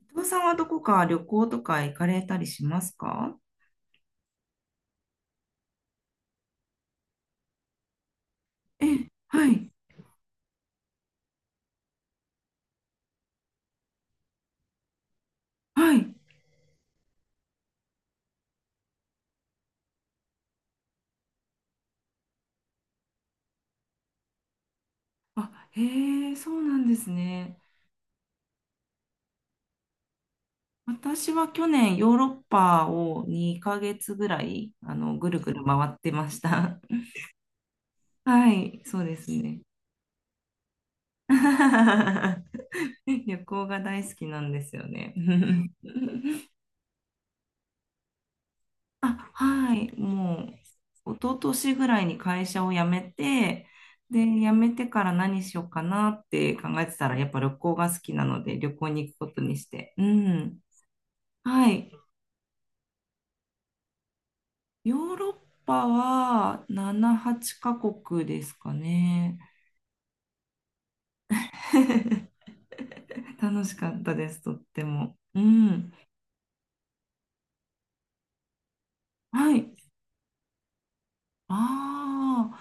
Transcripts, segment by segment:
伊藤さんはどこか旅行とか行かれたりしますか？ええ、はい、はい。あ、へえ、そうなんですね。私は去年ヨーロッパを2ヶ月ぐらい、ぐるぐる回ってました。はい、そうですね。旅行が大好きなんですよね。あ、はい、もう、一昨年ぐらいに会社を辞めて、で、辞めてから何しようかなって考えてたら、やっぱ旅行が好きなので、旅行に行くことにして。うん。はい。ヨーロッパは7、8カ国ですかね。楽しかったです、とっても。うん。はい。ああ。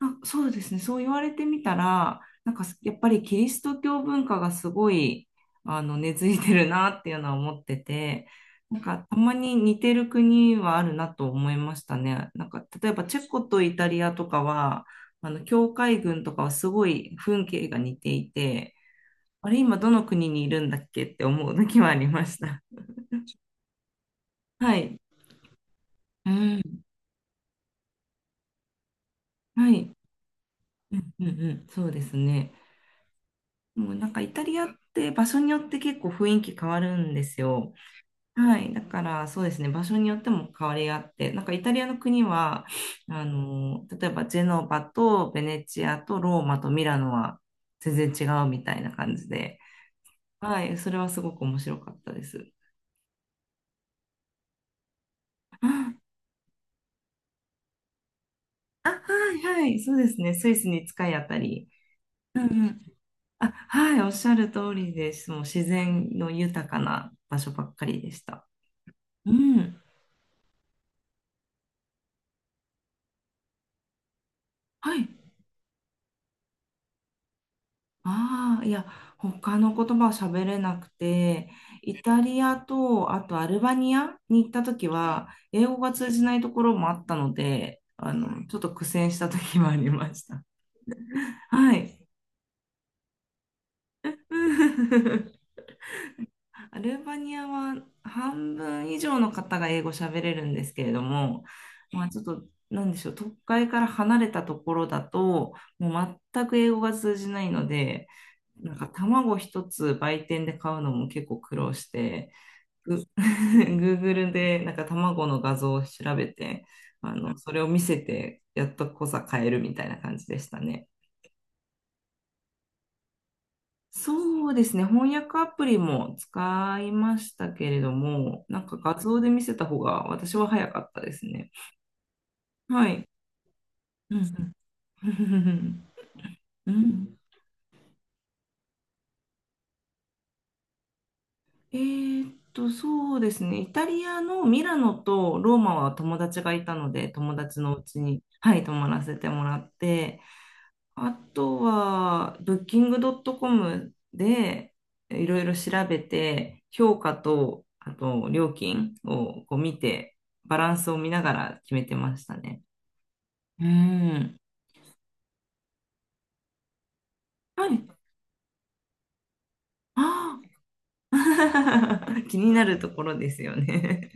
あ、そうですね。そう言われてみたら、なんかやっぱりキリスト教文化がすごい、根付いてるなっていうのは思ってて、なんかたまに似てる国はあるなと思いましたね。なんか例えばチェコとイタリアとかは、教会軍とかはすごい風景が似ていて、あれ、今どの国にいるんだっけって思う時はありました。はい。うん。はい。うんうんうん。そうですね。もうなんかイタリアって場所によって結構雰囲気変わるんですよ。はい。だからそうですね、場所によっても変わりあって、なんかイタリアの国は、例えばジェノバとベネチアとローマとミラノは全然違うみたいな感じで、はい。それはすごく面白かったです。あ、あはいはい。そうですね、スイスに近いあたり。うんうん。あ、はい。おっしゃる通りです。もう自然の豊かな場所ばっかりでした。うん。はい。ああ、いや、他の言葉を喋れなくて、イタリアと、あとアルバニアに行った時は、英語が通じないところもあったので、ちょっと苦戦した時もありました。はい。アルバニアは半分以上の方が英語喋れるんですけれども、まあ、ちょっと、なんでしょう、都会から離れたところだと、もう全く英語が通じないので、なんか卵一つ売店で買うのも結構苦労して、Google でなんか卵の画像を調べて、それを見せて、やっとこさ買えるみたいな感じでしたね。そうですね。翻訳アプリも使いましたけれども、なんか画像で見せた方が私は早かったですね。はい。うんうん。うん。そうですね。イタリアのミラノとローマは友達がいたので、友達のうちに、はい、泊まらせてもらって、あとは、ブッキングドットコムでいろいろ調べて、評価と、あと料金をこう見て、バランスを見ながら決めてましたね。うん。はい。ああ。気になるところですよね。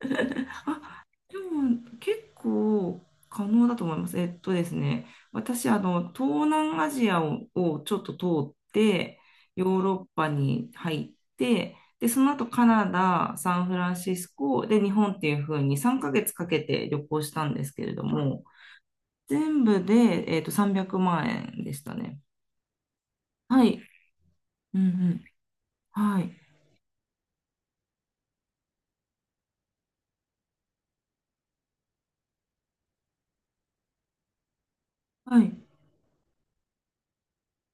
でも結構可能だと思います。えっとですね、私、東南アジアを、をちょっと通って、ヨーロッパに入って、で、その後カナダ、サンフランシスコ、で、日本っていう風に3ヶ月かけて旅行したんですけれども、全部で、300万円でしたね。はい。うんうん。はい。はい。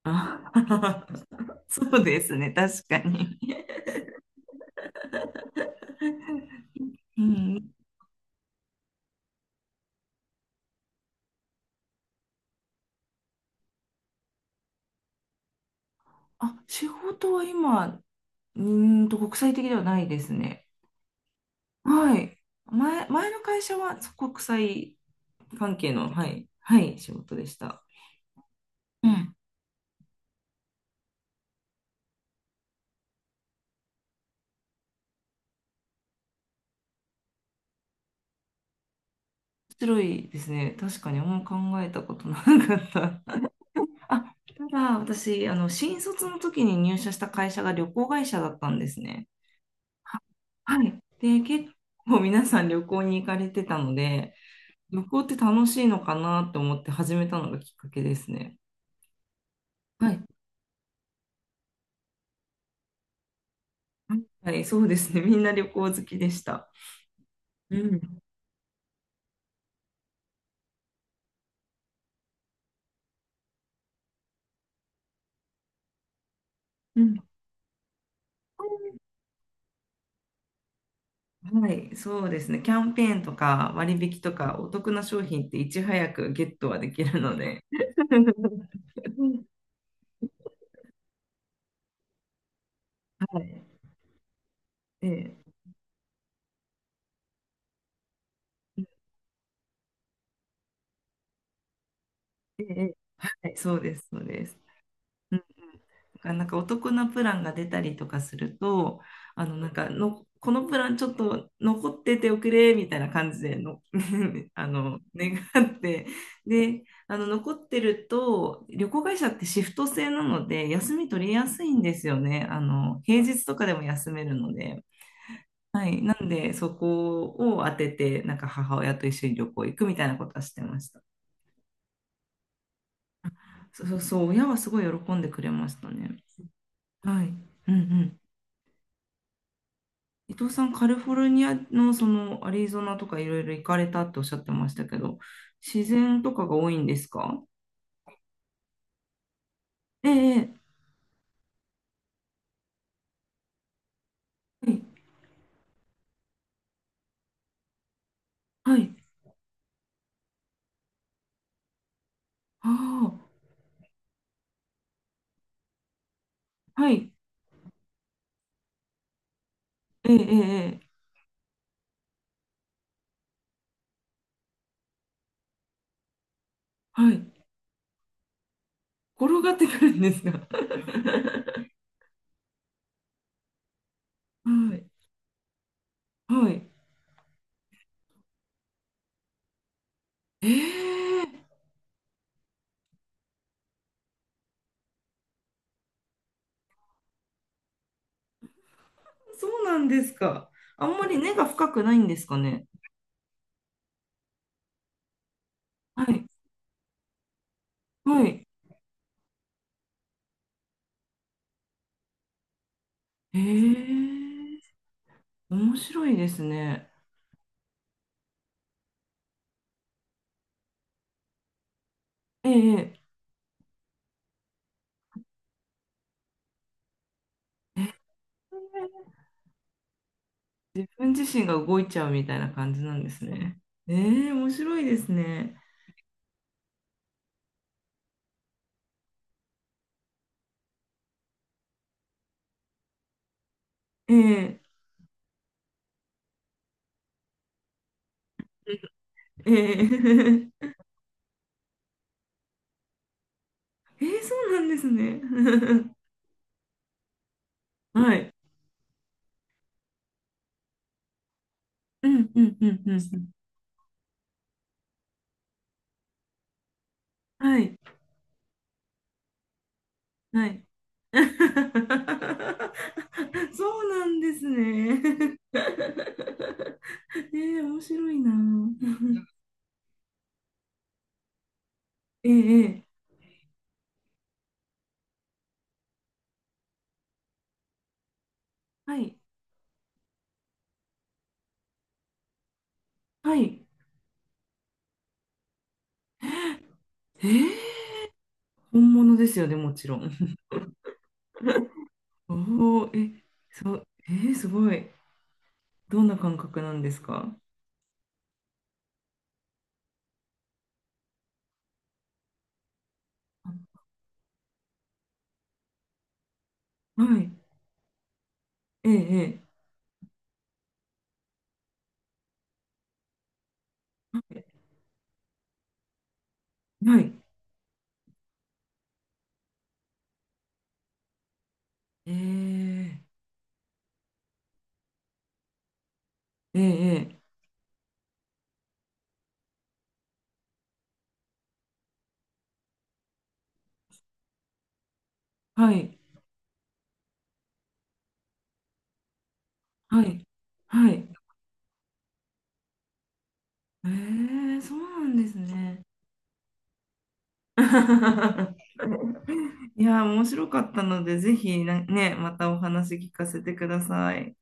あ、 そうですね、確かに。うん、あ、仕事は今、国際的ではないですね。はい。前の会社はそう国際関係の、はい、はい、仕事でした。うん。面白いですね。確かにあんま考えたことなかった。あ、ただ私、新卒の時に入社した会社が旅行会社だったんですね。は、はい。で、結構皆さん旅行に行かれてたので、旅行って楽しいのかなって思って始めたのがきっかけですね。はい。はい、そうですね。みんな旅行好きでした。うん、うん、はい、そうですね。キャンペーンとか割引とかお得な商品っていち早くゲットはできるので。はい。ええええええ、はい、そうです、そうです。なんかお得なプランが出たりとかすると、あのなんかのこのプラン、ちょっと残ってておくれみたいな感じでの あの願って、で、あの残ってると旅行会社ってシフト制なので休み取りやすいんですよね。あの平日とかでも休めるので、はい、なんでそこを当ててなんか母親と一緒に旅行行くみたいなことはしてました。そうそうそう、親はすごい喜んでくれましたね。はい。うんうん。伊藤さん、カリフォルニアのそのアリゾナとかいろいろ行かれたっておっしゃってましたけど、自然とかが多いんですか？ええ、ええ、はい、はい、ああ、はい、ええ、ええ、ええ、はい、転がってくるんですが。はい、はい。ええ、そうなんですか。あんまり根が深くないんですかね。はい、はい。ええ、面白いですね。ええ、ええ、自分自身が動いちゃうみたいな感じなんですね。ええ、面白いですね。ええええ ええ、そうなんですね。はい。うんうんうんうん。はい。はい。そうなんですね。ええ面白いな。ええええはい。はい。ええ、本物ですよね、もちろん。おお、え、そう、ええ、すごい。どんな感覚なんですか？はい。ええ、ええ、はい。はい、ええ、ええ、ええ、はい、はい、はい。ええ、そうなんですね。いや、面白かったので、ぜひなね、またお話聞かせてください。